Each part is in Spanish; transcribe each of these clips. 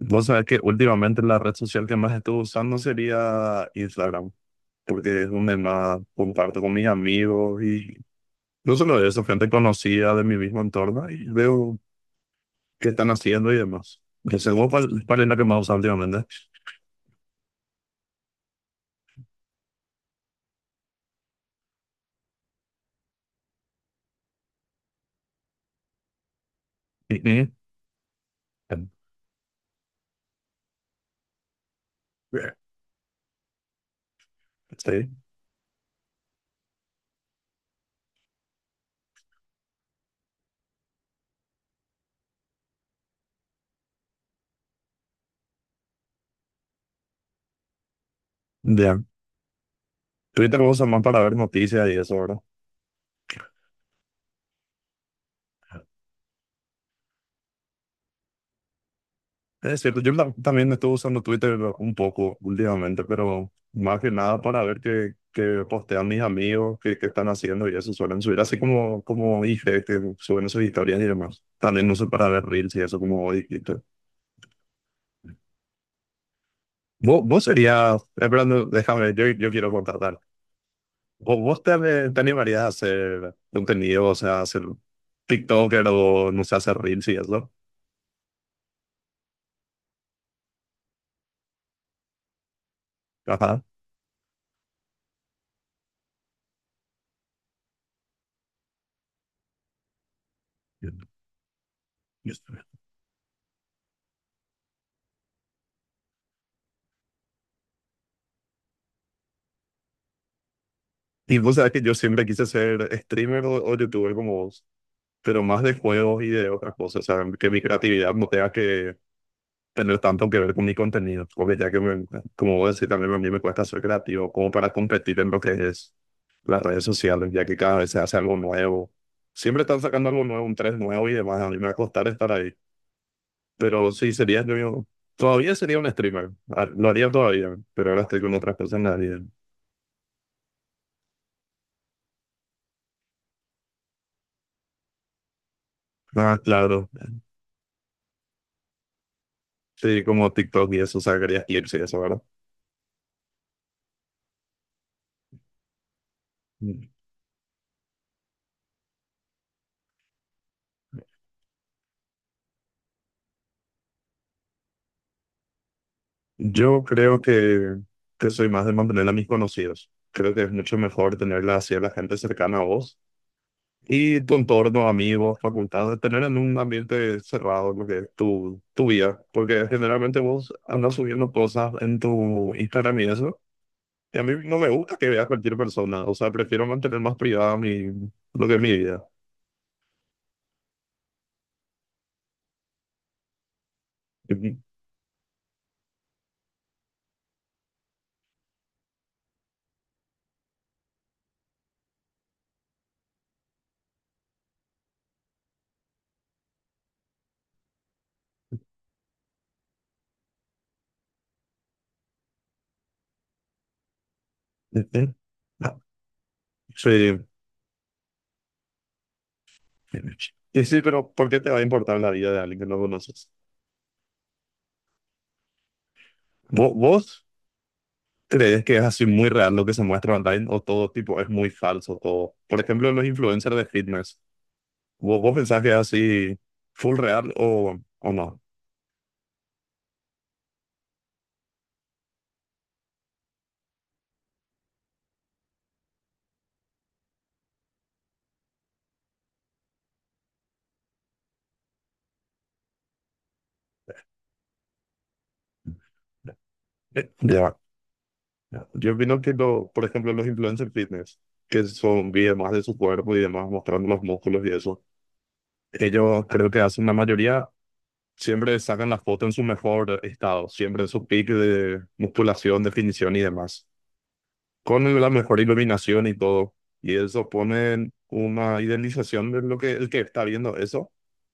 Vos sabés que últimamente la red social que más estuve usando sería Instagram, porque es donde más comparto con mis amigos y no solo eso, gente conocida de mi mismo entorno y veo qué están haciendo y demás. Que según ¿cuál es la que más usas últimamente? Sí, sí. Sí. Ya. Twitter lo usas más para ver noticias y eso, ¿verdad? Es cierto, también estuve usando Twitter un poco últimamente, pero más que nada para ver qué postean mis amigos, qué están haciendo y eso suelen subir, como dije, que suben sus historias y demás. También uso para ver reels y eso como dijiste. Vos serías, esperando, déjame, yo quiero contratar. ¿Vos te animarías a hacer contenido, o sea, hacer TikToker o no sé, hacer reels y eso? Ajá. Y vos sabés que yo siempre quise ser streamer o youtuber como vos, pero más de juegos y de otras cosas, o sea, que mi creatividad no tenga que tener tanto que ver con mi contenido, porque ya que, me- como vos decís, también a mí me cuesta ser creativo, como para competir en lo que es las redes sociales, ya que cada vez se hace algo nuevo. Siempre están sacando algo nuevo, un tres nuevo y demás, a mí me va a costar estar ahí, pero sí, sería yo, todavía sería un streamer. Ah, lo haría todavía, pero ahora estoy con otras cosas en la vida. Ah, claro, sí, como TikTok y eso, o sea, quería irse y eso, ¿verdad? Mm. Yo creo que soy más de mantener a mis conocidos. Creo que es mucho mejor tenerla así a la gente cercana a vos y tu entorno, amigos, facultad, de tener en un ambiente cerrado lo que es tu vida. Porque generalmente vos andas subiendo cosas en tu Instagram y eso. Y a mí no me gusta que veas cualquier persona. O sea, prefiero mantener más privada mi, lo que es mi vida. Ujú. Ujú. Ah. Sí. Y sí, pero ¿por qué te va a importar la vida de alguien que no conoces? ¿Vos crees que es así muy real lo que se muestra online o todo tipo es muy falso todo? Por ejemplo, los influencers de fitness. ¿Vos pensás que es así full real o no? Eh. Ya. Yo opino que, lo, por ejemplo, los influencers fitness, que son videos más de su cuerpo y demás, mostrando los músculos y eso, ellos creo que hacen la mayoría, siempre sacan la foto en su mejor estado, siempre en su pico de musculación, definición y demás, con la mejor iluminación y todo. Y eso pone una idealización de lo que el que está viendo eso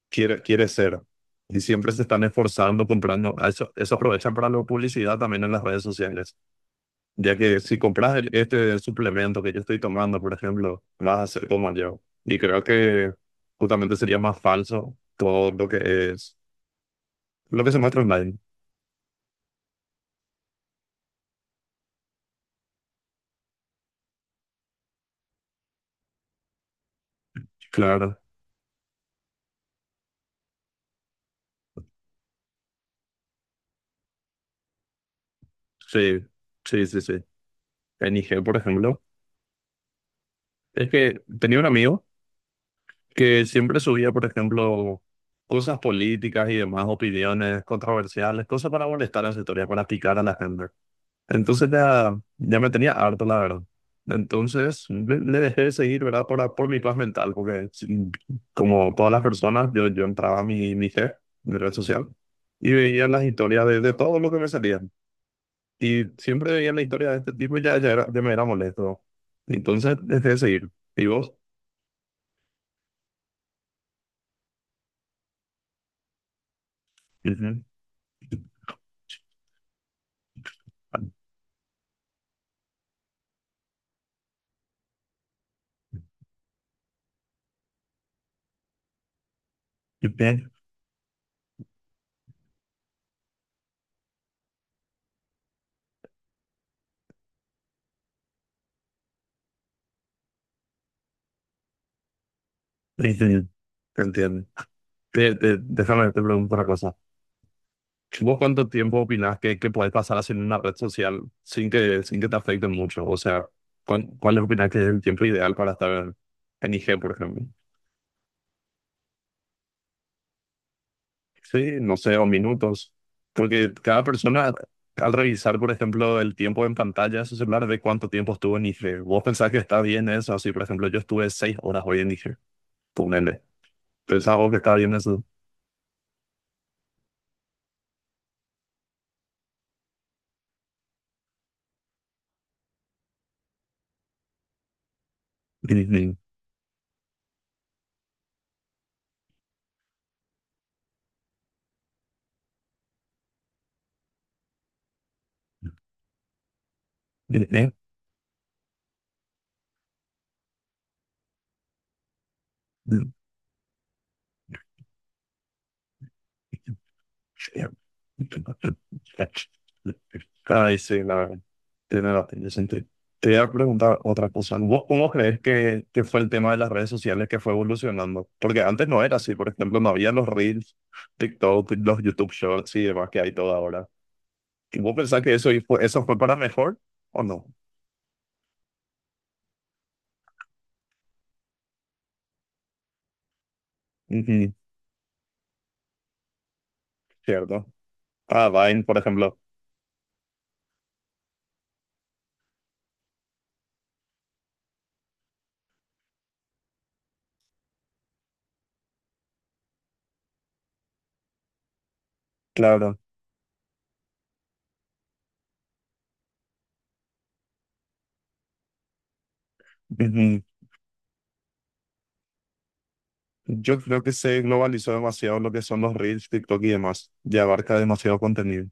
quiere ser. Y siempre se están esforzando comprando. A eso aprovechan para la publicidad también en las redes sociales. Ya que si este suplemento que yo estoy tomando, por ejemplo, vas a ser como yo. Y creo que justamente sería más falso todo lo que es, lo que se muestra online. Claro, sí, sí, sí, sí. En IG, por ejemplo, es que tenía un amigo que siempre subía, por ejemplo, cosas políticas y demás, opiniones controversiales, cosas para molestar a las historias, para picar a la gente. Entonces ya me tenía harto, la verdad. Entonces le dejé de seguir, ¿verdad? Por mi paz mental, porque sí, como todas las personas, yo entraba a mi IG, mi red social, y veía las historias de todo lo que me salía. Y siempre veía la historia de este tipo y ya, ya, era, ya me era molesto. Entonces, dejé de seguir. Y vos. Ujú. Yo pienso- sí, sí, ¿te entiendo? Déjame te pregunto una cosa. ¿Vos cuánto tiempo opinás que podés pasar así en una red social sin que te afecte mucho? O sea, ¿cuál opinás que es el tiempo ideal para estar en IG, por ejemplo? Sí, no sé, o minutos. Porque cada persona, al revisar, por ejemplo, el tiempo en pantalla de su celular, ve cuánto tiempo estuvo en IG. ¿Vos pensás que está bien eso? Así, por ejemplo, yo estuve 6 horas hoy en IG. Ponele. ¿Pensás vos que está bien eso? Ay, sí, la verdad. Tiene sentido. Te voy a preguntar otra cosa. ¿Vos cómo crees que fue el tema de las redes sociales que fue evolucionando? Porque antes no era así. Por ejemplo, no había los Reels, TikTok, los YouTube Shorts y demás que hay todo ahora. ¿Y vos pensás que eso fue para mejor o no? Ujú, cierto. Ah, Vine, por ejemplo. Claro. Ujú. Yo creo que se globalizó demasiado lo que son los Reels, TikTok y demás. Ya abarca demasiado contenido.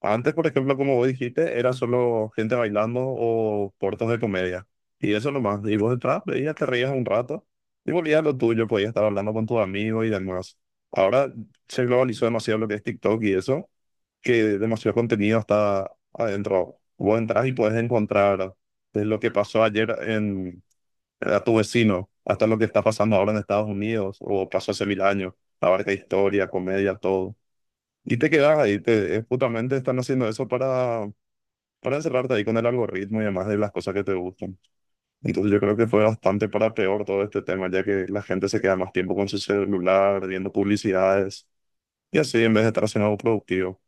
Antes, por ejemplo, como vos dijiste, era solo gente bailando o cortos de comedia. Y eso nomás. Y vos detrás veías, te reías un rato y volvías a lo tuyo, podías estar hablando con tus amigos y demás. Ahora se globalizó demasiado lo que es TikTok y eso, que demasiado contenido está adentro. Vos entras y puedes encontrar desde lo que pasó ayer en, a tu vecino hasta lo que está pasando ahora en Estados Unidos o pasó hace 1000 años. Abarca historia, comedia, todo. Y te quedas ahí, te, justamente están haciendo eso para encerrarte ahí con el algoritmo y demás de las cosas que te gustan. Entonces yo creo que fue bastante para peor todo este tema, ya que la gente se queda más tiempo con su celular, viendo publicidades y así en vez de estar haciendo algo productivo.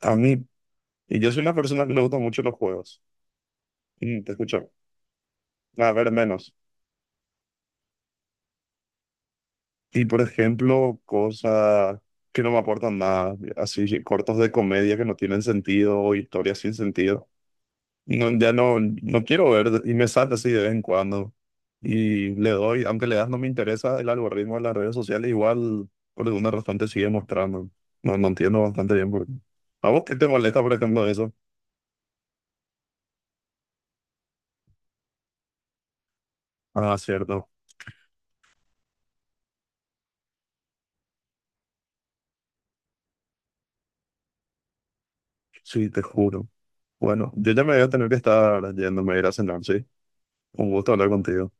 A mí, y yo soy una persona que le gustan mucho los juegos. Mm, te escucho. A ver, menos. Y por ejemplo, cosas que no me aportan nada, así cortos de comedia que no tienen sentido, o historias sin sentido. No, ya no, no quiero ver y me sale así de vez en cuando. Y le doy, aunque le das no me interesa el algoritmo de las redes sociales, igual por alguna razón te sigue mostrando. No, no entiendo bastante bien por qué. ¿A vos qué te molesta, por ejemplo, eso? Ah, cierto. Sí, te juro. Bueno, yo ya me voy a tener que estar yéndome a ir a cenar, sí. Un gusto hablar contigo.